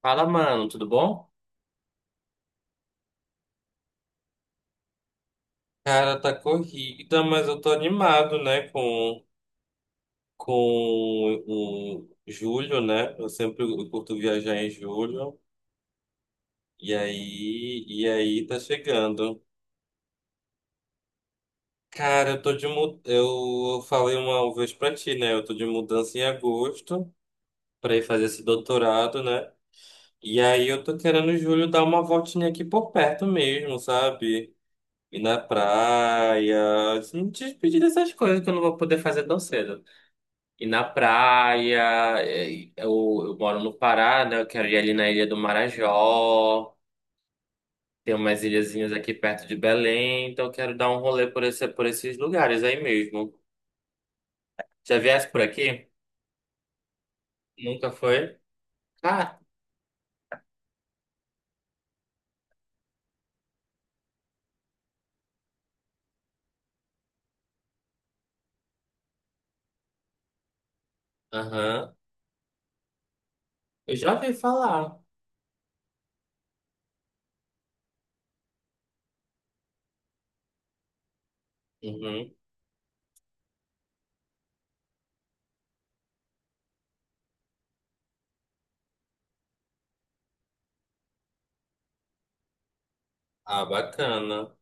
Fala, mano, tudo bom? Cara, tá corrida, mas eu tô animado, né, com o julho, né? Eu sempre curto viajar em julho. E aí tá chegando. Cara, eu tô de mu- eu falei uma vez pra ti, né? Eu tô de mudança em agosto pra ir fazer esse doutorado, né? E aí eu tô querendo em julho dar uma voltinha aqui por perto mesmo, sabe? Ir na praia, se me despedir dessas coisas que eu não vou poder fazer tão cedo. E na praia, é, eu moro no Pará, né? Eu quero ir ali na Ilha do Marajó. Tem umas ilhazinhas aqui perto de Belém, então eu quero dar um rolê por esses lugares aí mesmo. Já viesse por aqui? Nunca foi? Ah, aham. Eu já ouvi falar. Uhum. Ah, bacana.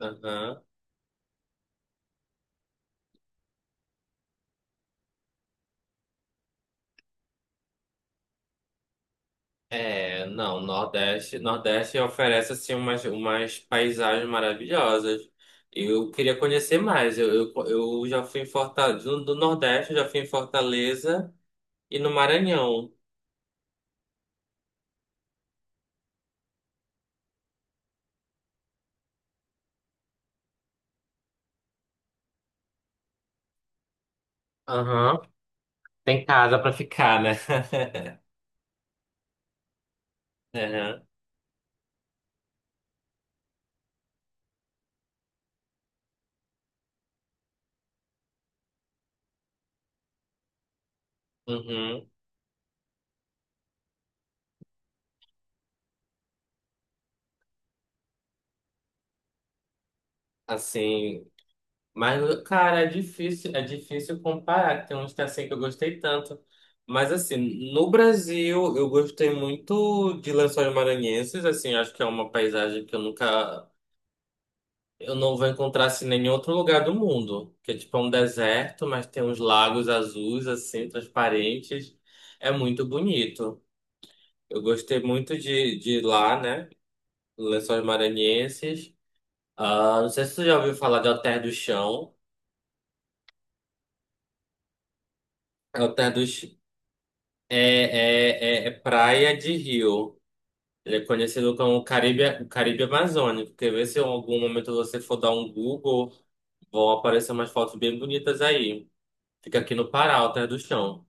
Aham. É, não, Nordeste, Nordeste oferece assim umas paisagens maravilhosas. Eu queria conhecer mais. Eu já fui em Fortaleza, do Nordeste, eu já fui em Fortaleza e no Maranhão. Aham, tem casa pra ficar, né? Aham, uhum. Assim, mas, cara, é difícil comparar. Tem uns que é assim que eu gostei tanto. Mas, assim, no Brasil, eu gostei muito de Lençóis Maranhenses. Assim, acho que é uma paisagem que eu nunca... Eu não vou encontrar, assim, em nenhum outro lugar do mundo. Que é, tipo, é um deserto, mas tem uns lagos azuis, assim, transparentes. É muito bonito. Eu gostei muito de ir lá, né? Lençóis Maranhenses. Ah, não sei se você já ouviu falar de Alter do Chão. É praia de rio. Ele é conhecido como Caribe, o Caribe Amazônico. Quer ver se em algum momento você for dar um Google, vão aparecer umas fotos bem bonitas aí. Fica aqui no Pará, Alter do Chão.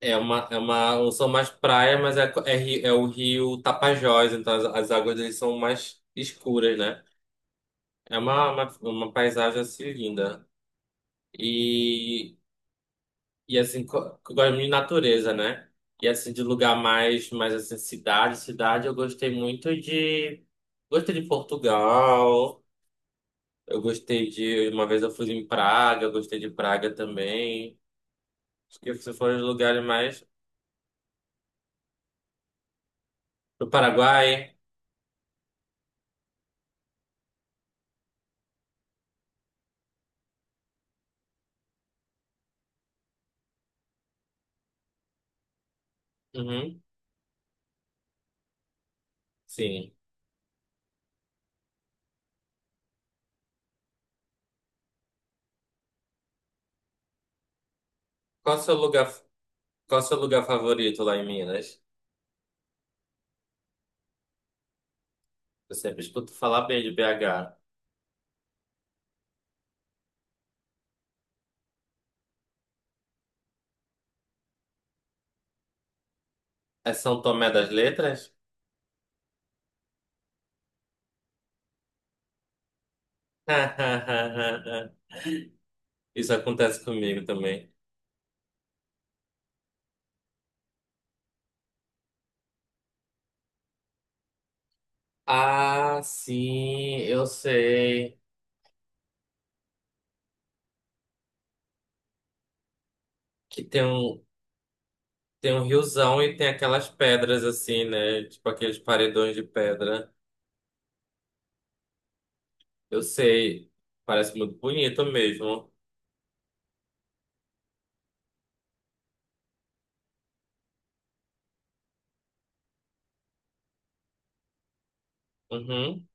Não são mais praia, mas é o rio Tapajós, então as águas deles são mais escuras, né? É uma paisagem assim linda. e E assim, que eu gosto muito de natureza, né? E assim, de lugar mais assim, cidade, cidade, eu gostei muito de. Gostei de Portugal, eu gostei de. Uma vez eu fui em Praga, eu gostei de Praga também. Acho que esses foram os lugares mais. Do Paraguai. Uhum, sim. Qual o seu lugar, Qual o seu lugar favorito lá em Minas? Eu sempre escuto falar bem de BH. É São Tomé das Letras? Isso acontece comigo também. Ah, sim, eu sei. Que tem um riozão e tem aquelas pedras assim, né? Tipo aqueles paredões de pedra. Eu sei. Parece muito bonito mesmo. Uhum.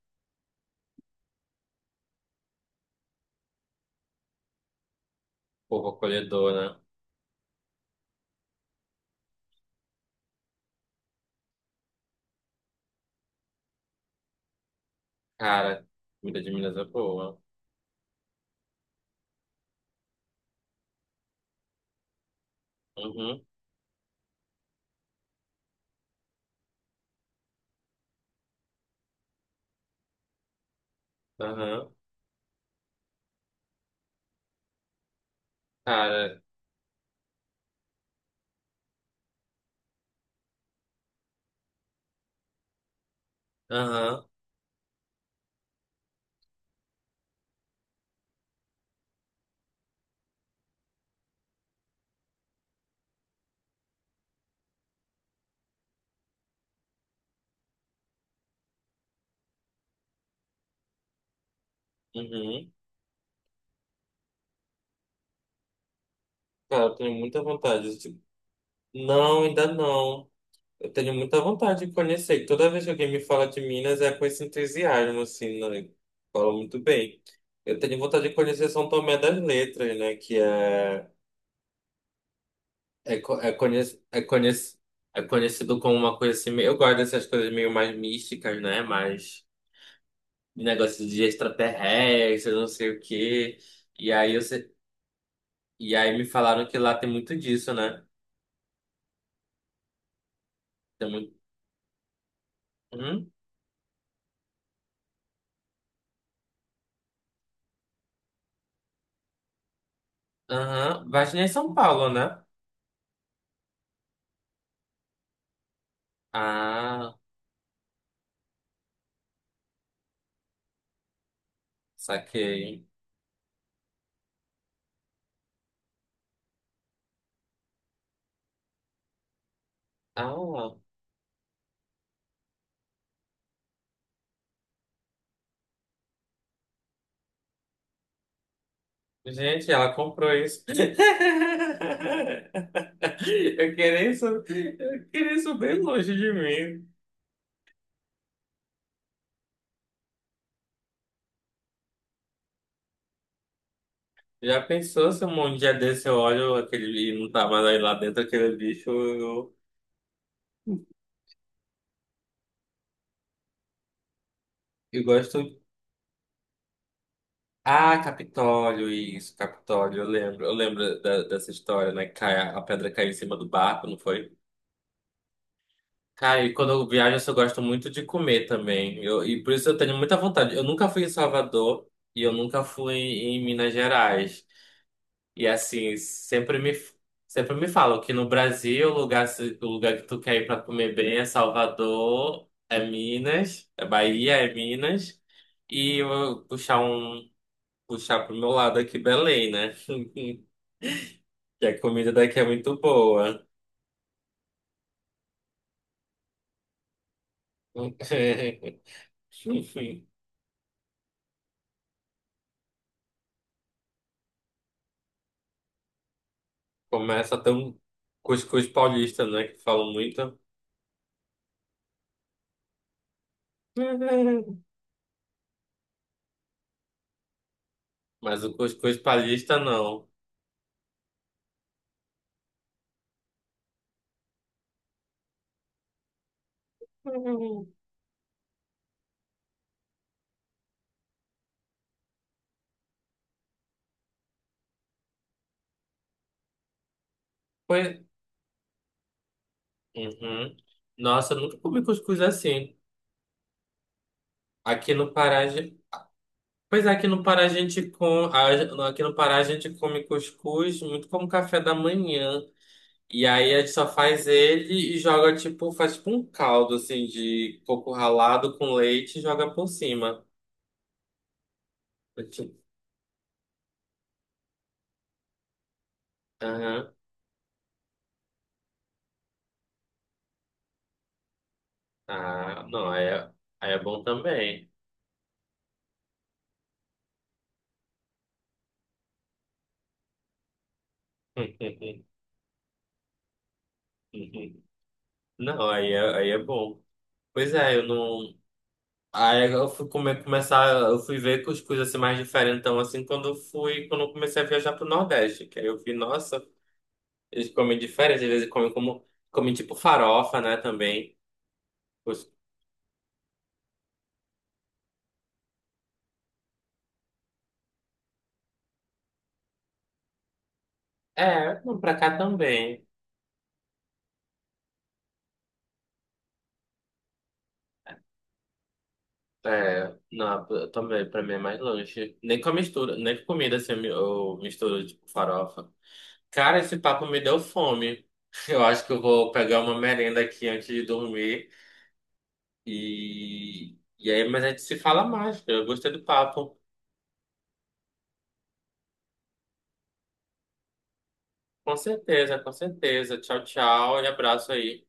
Povo acolhedor, né? Cara, comida de Minas é boa. Uhum. Aham. Cara, aham. Uhum. Cara, eu tenho muita vontade. Tipo, não, ainda não. Eu tenho muita vontade de conhecer. Toda vez que alguém me fala de Minas, é com esse entusiasmo, assim, né? Fala muito bem. Eu tenho vontade de conhecer São Tomé das Letras, né? Que é, co- é, conhec, é, conhec, é conhecido como uma coisa assim. Eu gosto dessas coisas meio mais místicas, né? Mais negócio de extraterrestre, não sei o quê. E aí, eu, se- e aí me falaram que lá tem muito disso, né? Tem muito. Hum? Aham. Uhum. Varginha é São Paulo, né? Ah, saquei. Ah, gente, ela comprou isso. Eu queria isso bem longe de mim. Já pensou se um dia desse eu olho aquele e não tá mais aí lá dentro aquele bicho? Eu gosto. Ah, Capitólio, isso, Capitólio. Eu lembro dessa história, né? A pedra caiu em cima do barco, não foi? Cara, e quando eu viajo, assim, eu gosto muito de comer também. E por isso eu tenho muita vontade. Eu nunca fui em Salvador e eu nunca fui em Minas Gerais. E assim, sempre me falam que no Brasil, o lugar, o lugar que tu quer ir pra comer bem é Salvador, é Minas, é Bahia, é Minas. E eu vou puxar pro meu lado aqui, Belém, né? Que a comida daqui é muito boa. Começa tão ter um cuscuz paulista, né? Que falam muito. Mas o cuscuz paulista, não. Pois... Uhum. Nossa, eu nunca comi cuscuz assim. Aqui no Pará, a gen- Pois é, aqui no Pará a gente come cuscuz muito como café da manhã. E aí a gente só faz ele e joga tipo, faz tipo um caldo assim de coco ralado com leite e joga por cima. Eu te- Aham. Ah, não, aí é bom também. Não, aí é bom. Pois é, eu não. Aí eu fui começar, eu fui ver cuscuz assim mais diferentão assim quando eu comecei a viajar pro Nordeste, que aí eu vi, nossa, eles comem diferente, às vezes comem tipo farofa, né, também. Cus- É, não, pra cá também. É, não, eu também, pra mim é mais lanche. Nem com a mistura, nem com comida assim, eu misturo tipo farofa. Cara, esse papo me deu fome. Eu acho que eu vou pegar uma merenda aqui antes de dormir. E aí, mas a gente se fala mais. Eu gostei do papo. Com certeza, com certeza. Tchau, tchau e abraço aí.